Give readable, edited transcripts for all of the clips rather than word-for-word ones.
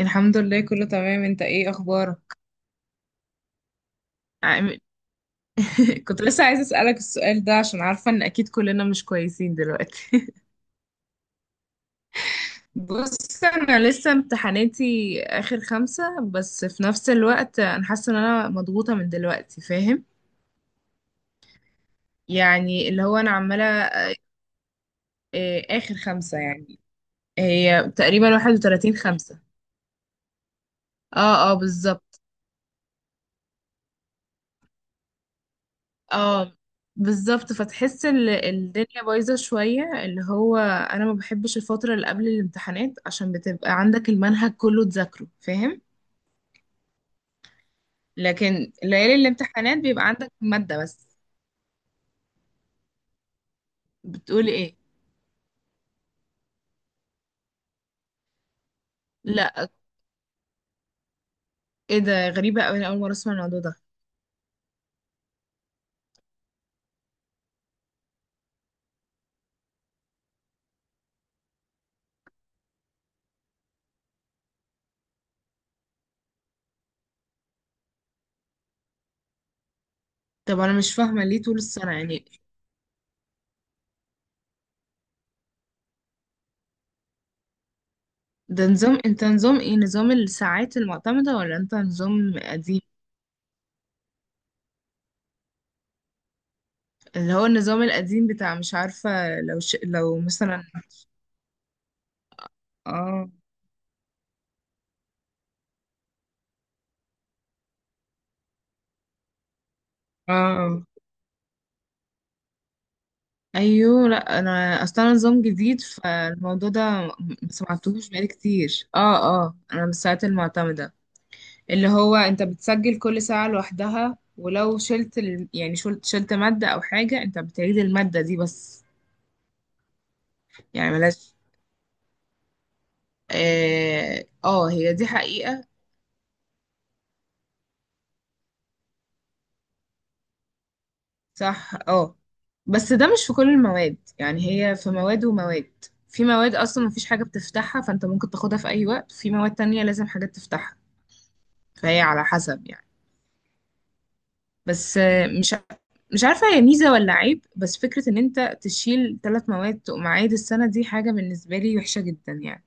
الحمد لله كله تمام، انت ايه اخبارك؟ عامل- كنت لسه عايزه اسالك السؤال ده عشان عارفه ان اكيد كلنا مش كويسين دلوقتي. بص انا لسه امتحاناتي اخر خمسة، بس في نفس الوقت انا حاسه ان انا مضغوطه من دلوقتي، فاهم؟ يعني اللي هو انا عماله اه، اخر خمسة يعني. هي تقريبا 31 خمسة. اه اه، بالظبط. اه بالظبط، فتحس الدنيا بايظة شوية، اللي هو أنا ما بحبش الفترة اللي قبل الامتحانات عشان بتبقى عندك المنهج كله تذاكره، فاهم؟ لكن ليالي الامتحانات بيبقى عندك مادة بس. بتقولي ايه؟ لا، ايه ده؟ غريبة أوي، أنا أول مرة أسمع الموضوع ده. طب أنا مش فاهمة ليه طول السنة يعني؟ ده نظام، انت نظام ايه؟ نظام الساعات المعتمدة ولا انت نظام قديم؟ اللي هو النظام القديم بتاع مش عارفة. لو ش... لو مثلا. اه اه آه. ايوه، لا انا اصلا نظام جديد، فالموضوع ده ما سمعتوش بقالي كتير. اه اه، انا من الساعات المعتمده. اللي هو انت بتسجل كل ساعه لوحدها، ولو شلت ال... يعني شلت، ماده او حاجه، انت بتعيد الماده دي بس. يعني ملاش. اه آه، هي دي حقيقه. صح اه، بس ده مش في كل المواد، يعني هي في مواد ومواد. في مواد اصلا مفيش حاجه بتفتحها فانت ممكن تاخدها في اي وقت، في مواد تانية لازم حاجات تفتحها، فهي على حسب يعني. بس آه، مش عارفة هي ميزة ولا عيب، بس فكرة ان انت تشيل ثلاث مواد تقوم عايد السنة دي حاجة بالنسبة لي وحشة جدا يعني.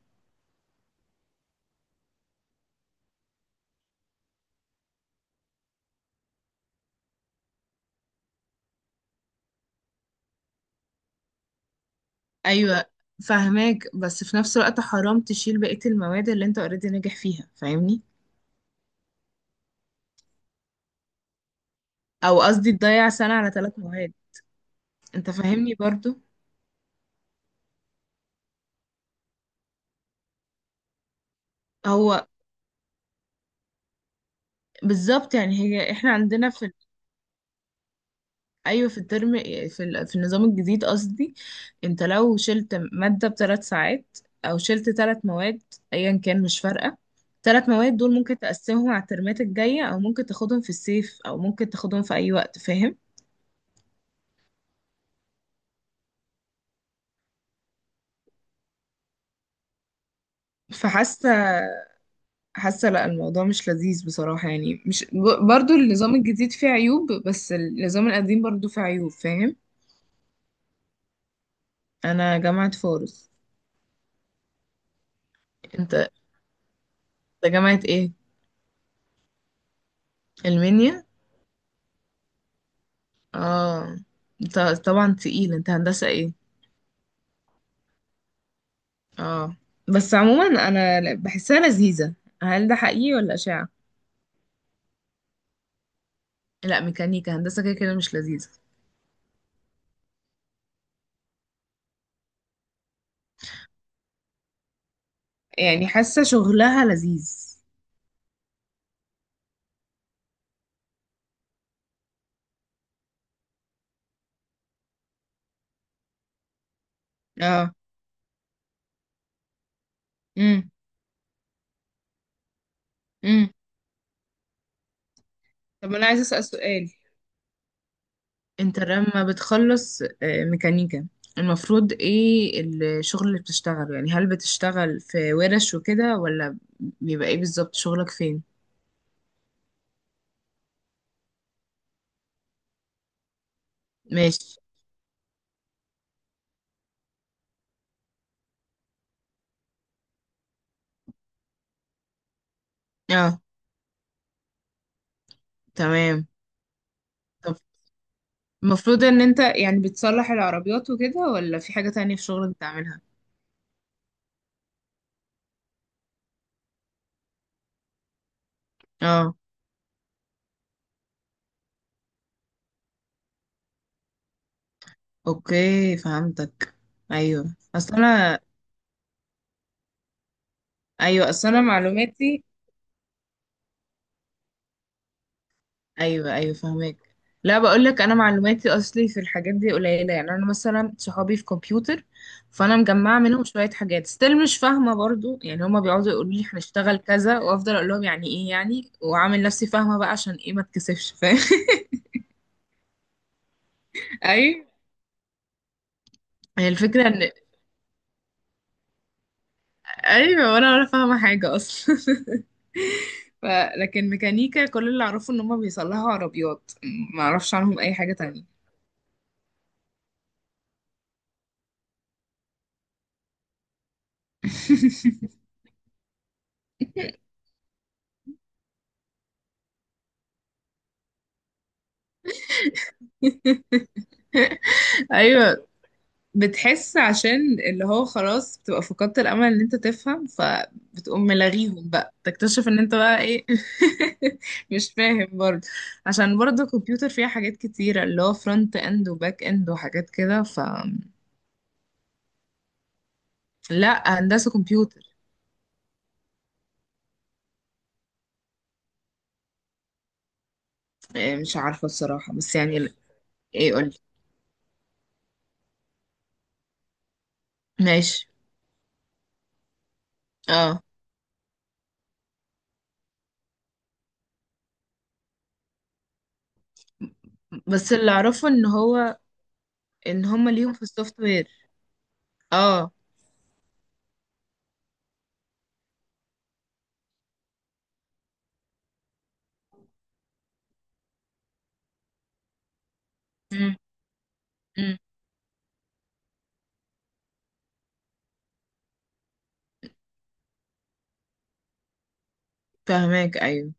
ايوه فاهماك، بس في نفس الوقت حرام تشيل بقية المواد اللي انت اوريدي ناجح فيها، فاهمني؟ او قصدي تضيع سنة على ثلاث مواد. انت فاهمني برضو؟ هو بالظبط، يعني هي احنا عندنا في، ايوه في الترم، في في النظام الجديد قصدي، انت لو شلت ماده بثلاث ساعات او شلت ثلاث مواد، ايا كان مش فارقه، ثلاث مواد دول ممكن تقسمهم على الترمات الجايه، او ممكن تاخدهم في الصيف، او ممكن تاخدهم في اي وقت، فاهم؟ فحاسه، حاسه لا الموضوع مش لذيذ بصراحه، يعني مش ب- برضو النظام الجديد فيه عيوب، بس النظام القديم برضو فيه عيوب، فاهم؟ انا جامعه فاروس. انت، انت جامعه ايه؟ المنيا. اه، انت، طبعا تقيل، انت هندسه ايه؟ اه، بس عموما انا بحسها لذيذة. هل ده حقيقي ولا اشاعة؟ لا ميكانيكا هندسة كده كده مش لذيذة. يعني حاسة شغلها لذيذ. اه. امم. امم. طب انا عايزة اسأل سؤال، انت لما بتخلص ميكانيكا، المفروض ايه الشغل اللي بتشتغله؟ يعني هل بتشتغل في ورش وكده، ولا بيبقى ايه بالظبط شغلك فين؟ ماشي. اه تمام. طب المفروض ان انت يعني بتصلح العربيات وكده ولا في حاجة تانية في شغلك بتعملها؟ اه اوكي فهمتك. ايوه اصل انا ايوه اصل انا معلوماتي، ايوه ايوه فهمك. لا بقول لك انا معلوماتي اصلي في الحاجات دي قليله، يعني انا مثلا صحابي في كمبيوتر، فانا مجمعه منهم شويه حاجات ستيل مش فاهمه برضو، يعني هما بيقعدوا يقولوا لي هنشتغل كذا، وافضل اقول لهم يعني ايه، يعني واعمل نفسي فاهمه بقى عشان ايه ما اتكسفش، فاهم؟ ايوه. هي الفكره ان ايوه وانا ولا فاهمه حاجه اصلا. ف... لكن ميكانيكا كل اللي اعرفه ان هم بيصلحوا عربيات، ما اعرفش عنهم اي حاجة تانية. ايوه، بتحس عشان اللي هو خلاص بتبقى فقدت الامل ان انت تفهم، فبتقوم ملاغيهم بقى تكتشف ان انت بقى ايه. مش فاهم برضه، عشان برضه الكمبيوتر فيها حاجات كتيرة، اللي هو فرونت اند وباك اند وحاجات كده ف، لا هندسة كمبيوتر. إيه، مش عارفة الصراحة، بس يعني ايه قولي. ماشي. اه، بس اللي اعرفه ان هو ان هما ليهم في السوفت وير. اه. امم. امم. فاهماك ايوه.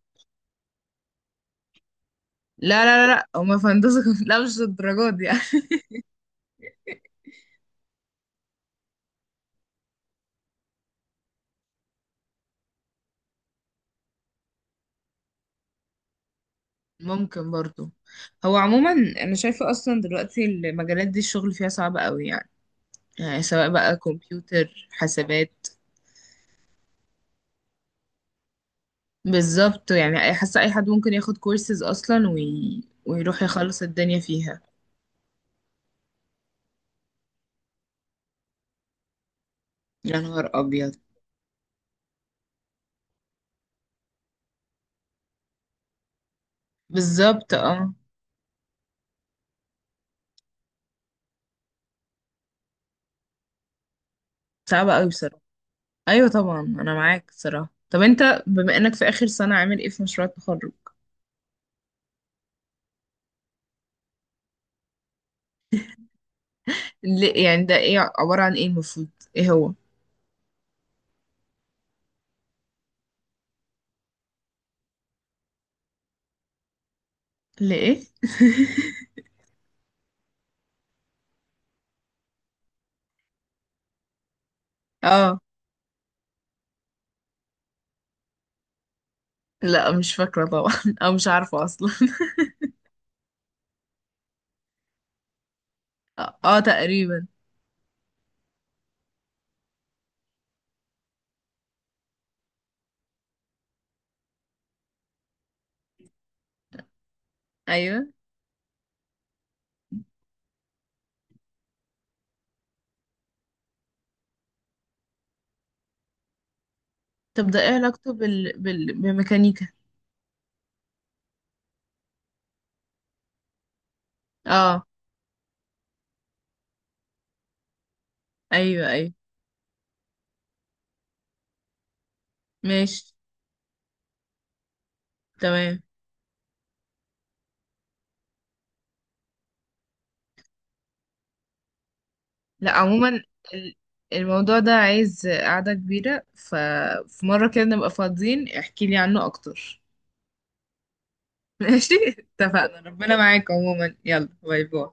لا هما في هندسة، لا مش الدرجات دي يعني. ممكن برضو. هو عموما انا شايفة اصلا دلوقتي المجالات دي الشغل فيها صعب قوي، يعني يعني سواء بقى كمبيوتر حسابات. بالظبط، يعني أي-، حاسة اي حد ممكن ياخد كورسز اصلا وي... ويروح يخلص الدنيا فيها. يا نهار ابيض. بالظبط اه، صعبة قوي. ايوه طبعا انا معاك صراحة. طب انت بما انك في اخر سنة، عامل ايه في مشروع التخرج؟ ليه يعني؟ ده ايه؟ عبارة عن ايه المفروض؟ ايه هو؟ ليه؟ اه، لا مش فاكرة طبعا، او مش عارفة اصلا. اه آه، تقريبا. ايوه. طب ده ايه علاقته بال... بال... بالميكانيكا؟ اه. ايوه ايوه. ماشي. تمام. لا عموما ال- الموضوع ده عايز قعدة كبيرة، ففي مرة كده نبقى فاضيين احكي لي عنه اكتر. ماشي اتفقنا، ربنا معاك عموما، يلا باي باي.